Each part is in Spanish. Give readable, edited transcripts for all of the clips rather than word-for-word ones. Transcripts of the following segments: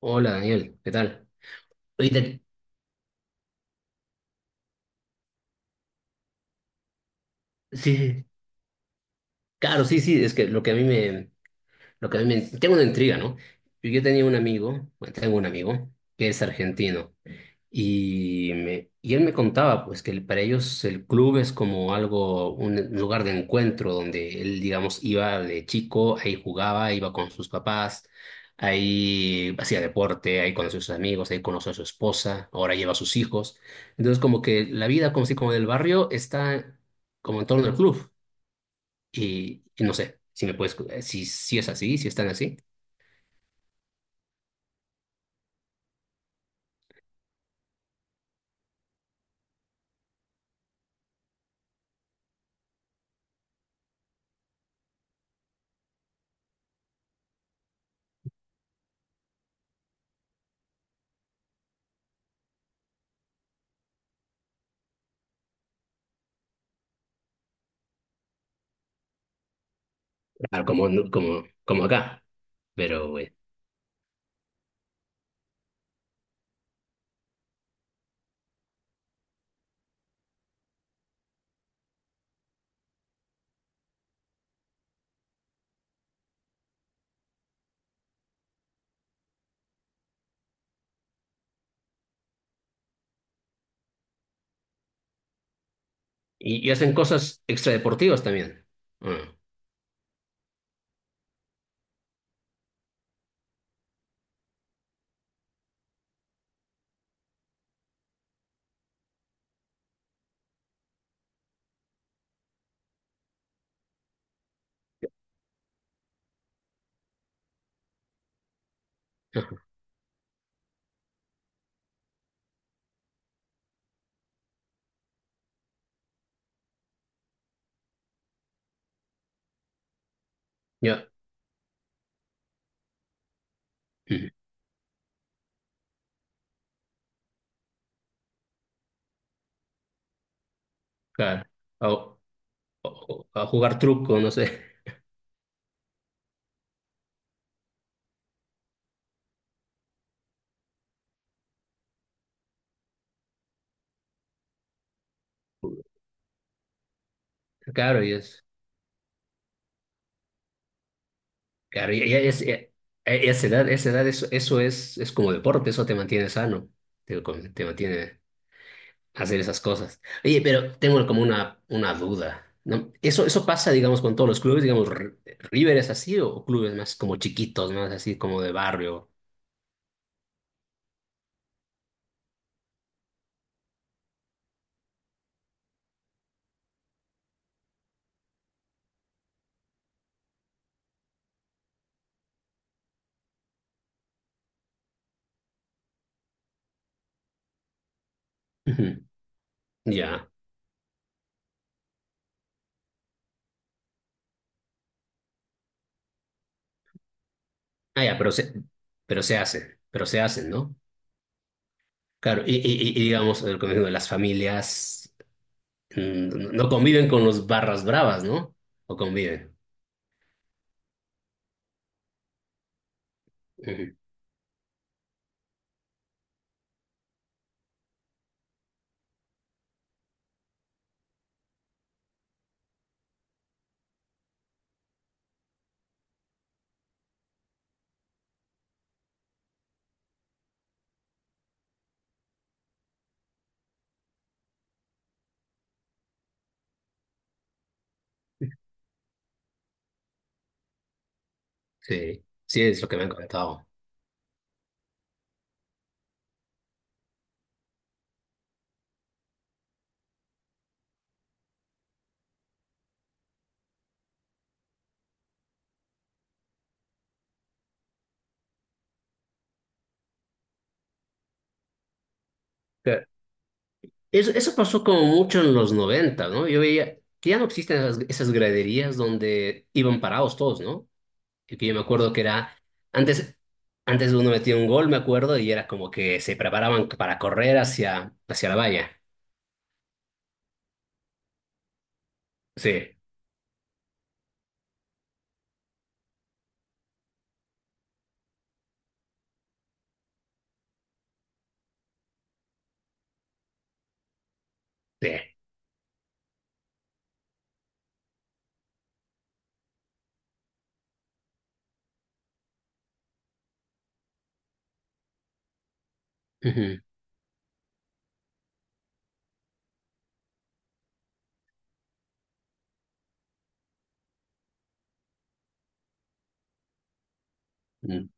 Hola Daniel, ¿qué tal? Oye, te- sí, sí, claro, sí, sí, es que lo que a mí me, tengo una intriga, ¿no? Yo tenía un amigo, bueno, tengo un amigo que es argentino. Y él me contaba, pues, para ellos el club es como algo, un lugar de encuentro donde él, digamos, iba de chico, ahí jugaba, iba con sus papás, ahí hacía deporte, ahí conoció a sus amigos, ahí conoció a su esposa, ahora lleva a sus hijos. Entonces, como que la vida, como si como del barrio, está como en torno al club. Y no sé si me puedes, si, si es así, si están así. Claro, como, como, como acá. Pero, bueno. Y hacen cosas extradeportivas también. Mm. Ya. Mm. Claro. O- a jugar truco, no sé. Claro, y es. A esa edad, eso, eso es como deporte, eso te mantiene sano. Te mantiene hacer esas cosas. Oye, pero tengo como una duda, ¿no? Eso pasa, digamos, con todos los clubes, digamos, ¿River es así o clubes más como chiquitos, más así como de barrio? Ujú. Ya. Ah, ya, pero se hacen, ¿no? Claro, y digamos, como digo, las familias no conviven con los barras bravas, ¿no? O conviven. Ujú. Sí, sí, es lo que me han comentado. Claro. Eso pasó como mucho en los 90, ¿no? Yo veía que ya no existen esas, esas graderías donde iban parados todos, ¿no? Y que yo me acuerdo que era, antes, antes uno metía un gol, me acuerdo, y era como que se preparaban para correr hacia, hacia la valla. Sí, sí. Ujú. Mm.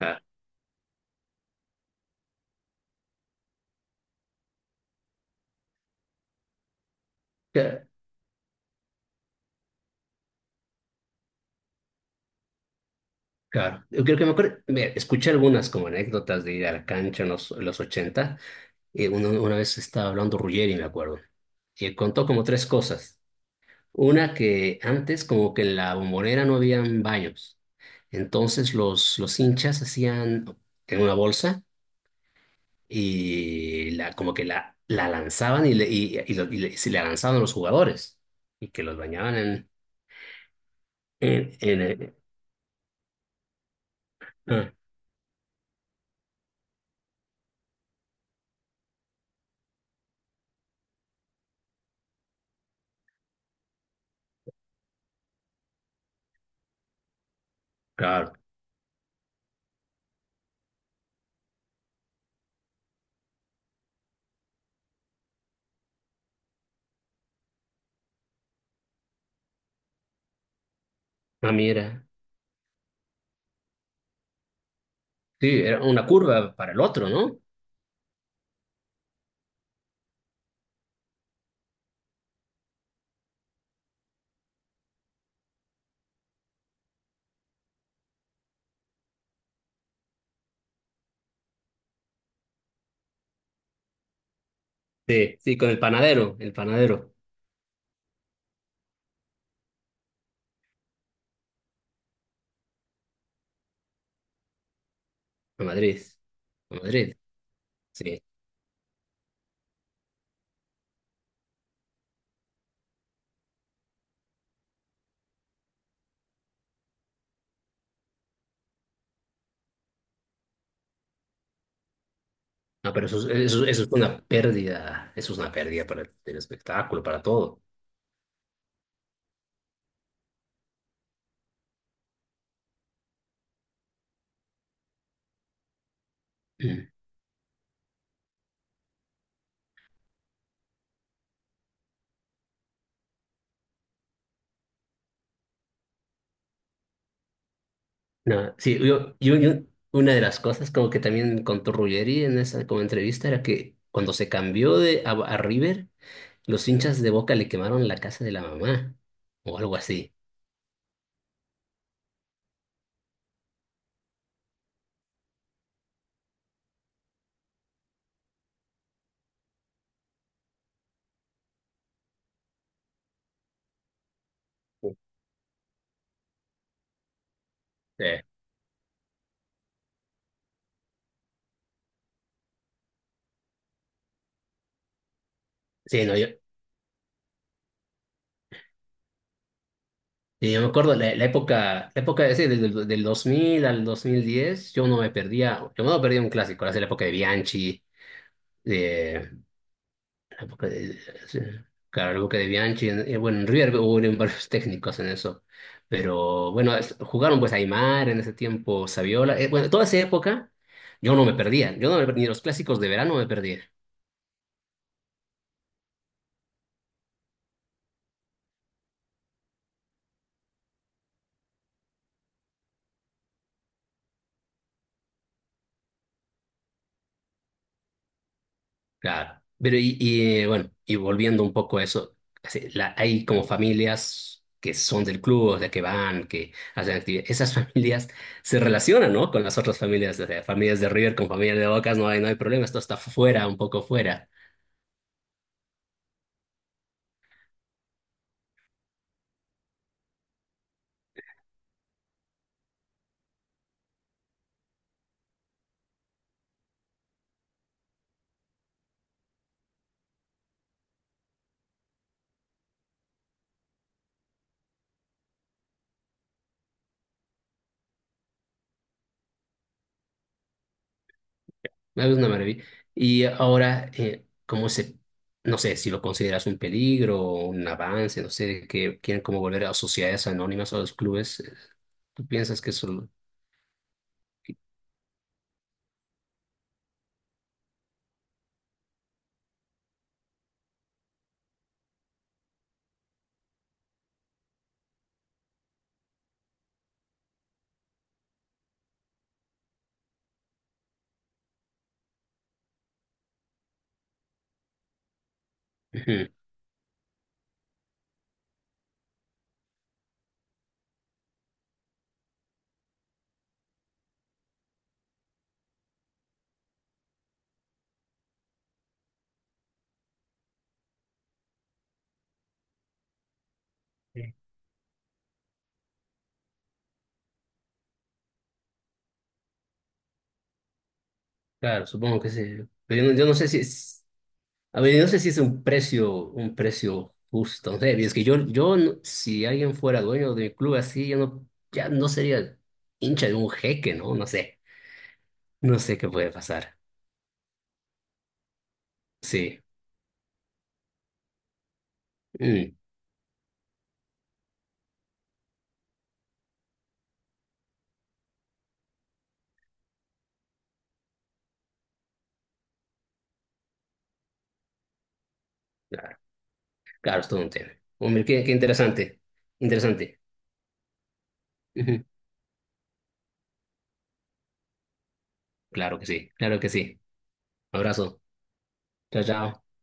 Ah. Cla-. Claro, yo creo que me acuerdo, mira, escuché algunas como anécdotas de ir a la cancha en los ochenta. Una vez estaba hablando Ruggeri, me acuerdo, y él contó como tres cosas. Una, que antes como que en la bombonera no habían baños, entonces los hinchas hacían en una bolsa y la, como que la lanzaban y, le, y lo- y le- se la lanzaban a los jugadores y que los bañaban en… en, ah, claro, ah, mira, sí, era una curva para el otro, ¿no? Sí, sí, con el panadero, a Madrid, a Madrid, sí. No, pero eso, eso, eso es una pérdida, eso es una pérdida para el espectáculo, para todo. Mm. No, sí, una de las cosas como que también contó Ruggeri en esa como entrevista era que cuando se cambió a River, los hinchas de Boca le quemaron la casa de la mamá o algo así. Sí. Sí, no, yo. Y yo me acuerdo la, la época ese, del 2000 al 2010, yo no me perdía, yo no perdía un clásico, era la época de Bianchi, de, la época de, sí, claro, la época de Bianchi, bueno, en River hubo varios técnicos en eso, pero bueno, jugaron pues Aymar en ese tiempo, Saviola, bueno, toda esa época yo no me perdía, yo no me perdía, ni los clásicos de verano me perdía. Claro. Pero y volviendo un poco a eso, así, hay como familias que son del club, o sea, que van, que hacen actividades. Esas familias se relacionan, ¿no? Con las otras familias, o sea, familias de River con familias de Bocas, no hay, no hay problema, esto está fuera, un poco fuera. Es una maravilla. Y ahora, ¿cómo se, no sé, si lo consideras un peligro o un avance, no sé, que quieren como volver a sociedades anónimas o a los clubes? ¿Tú piensas que eso… Ujú. Claro, supongo que sí. Pero yo no, yo no sé si es, a ver, yo no sé si es un precio justo. No sé, es que yo no- si alguien fuera dueño de mi club así, yo no, ya no sería hincha de un jeque, ¿no? No sé. No sé qué puede pasar. Sí. Mm, claro, claro, es todo un tema. Hombre, qué, qué interesante. Interesante. Ujú. Claro que sí, claro que sí. Abrazo. Chao, chao.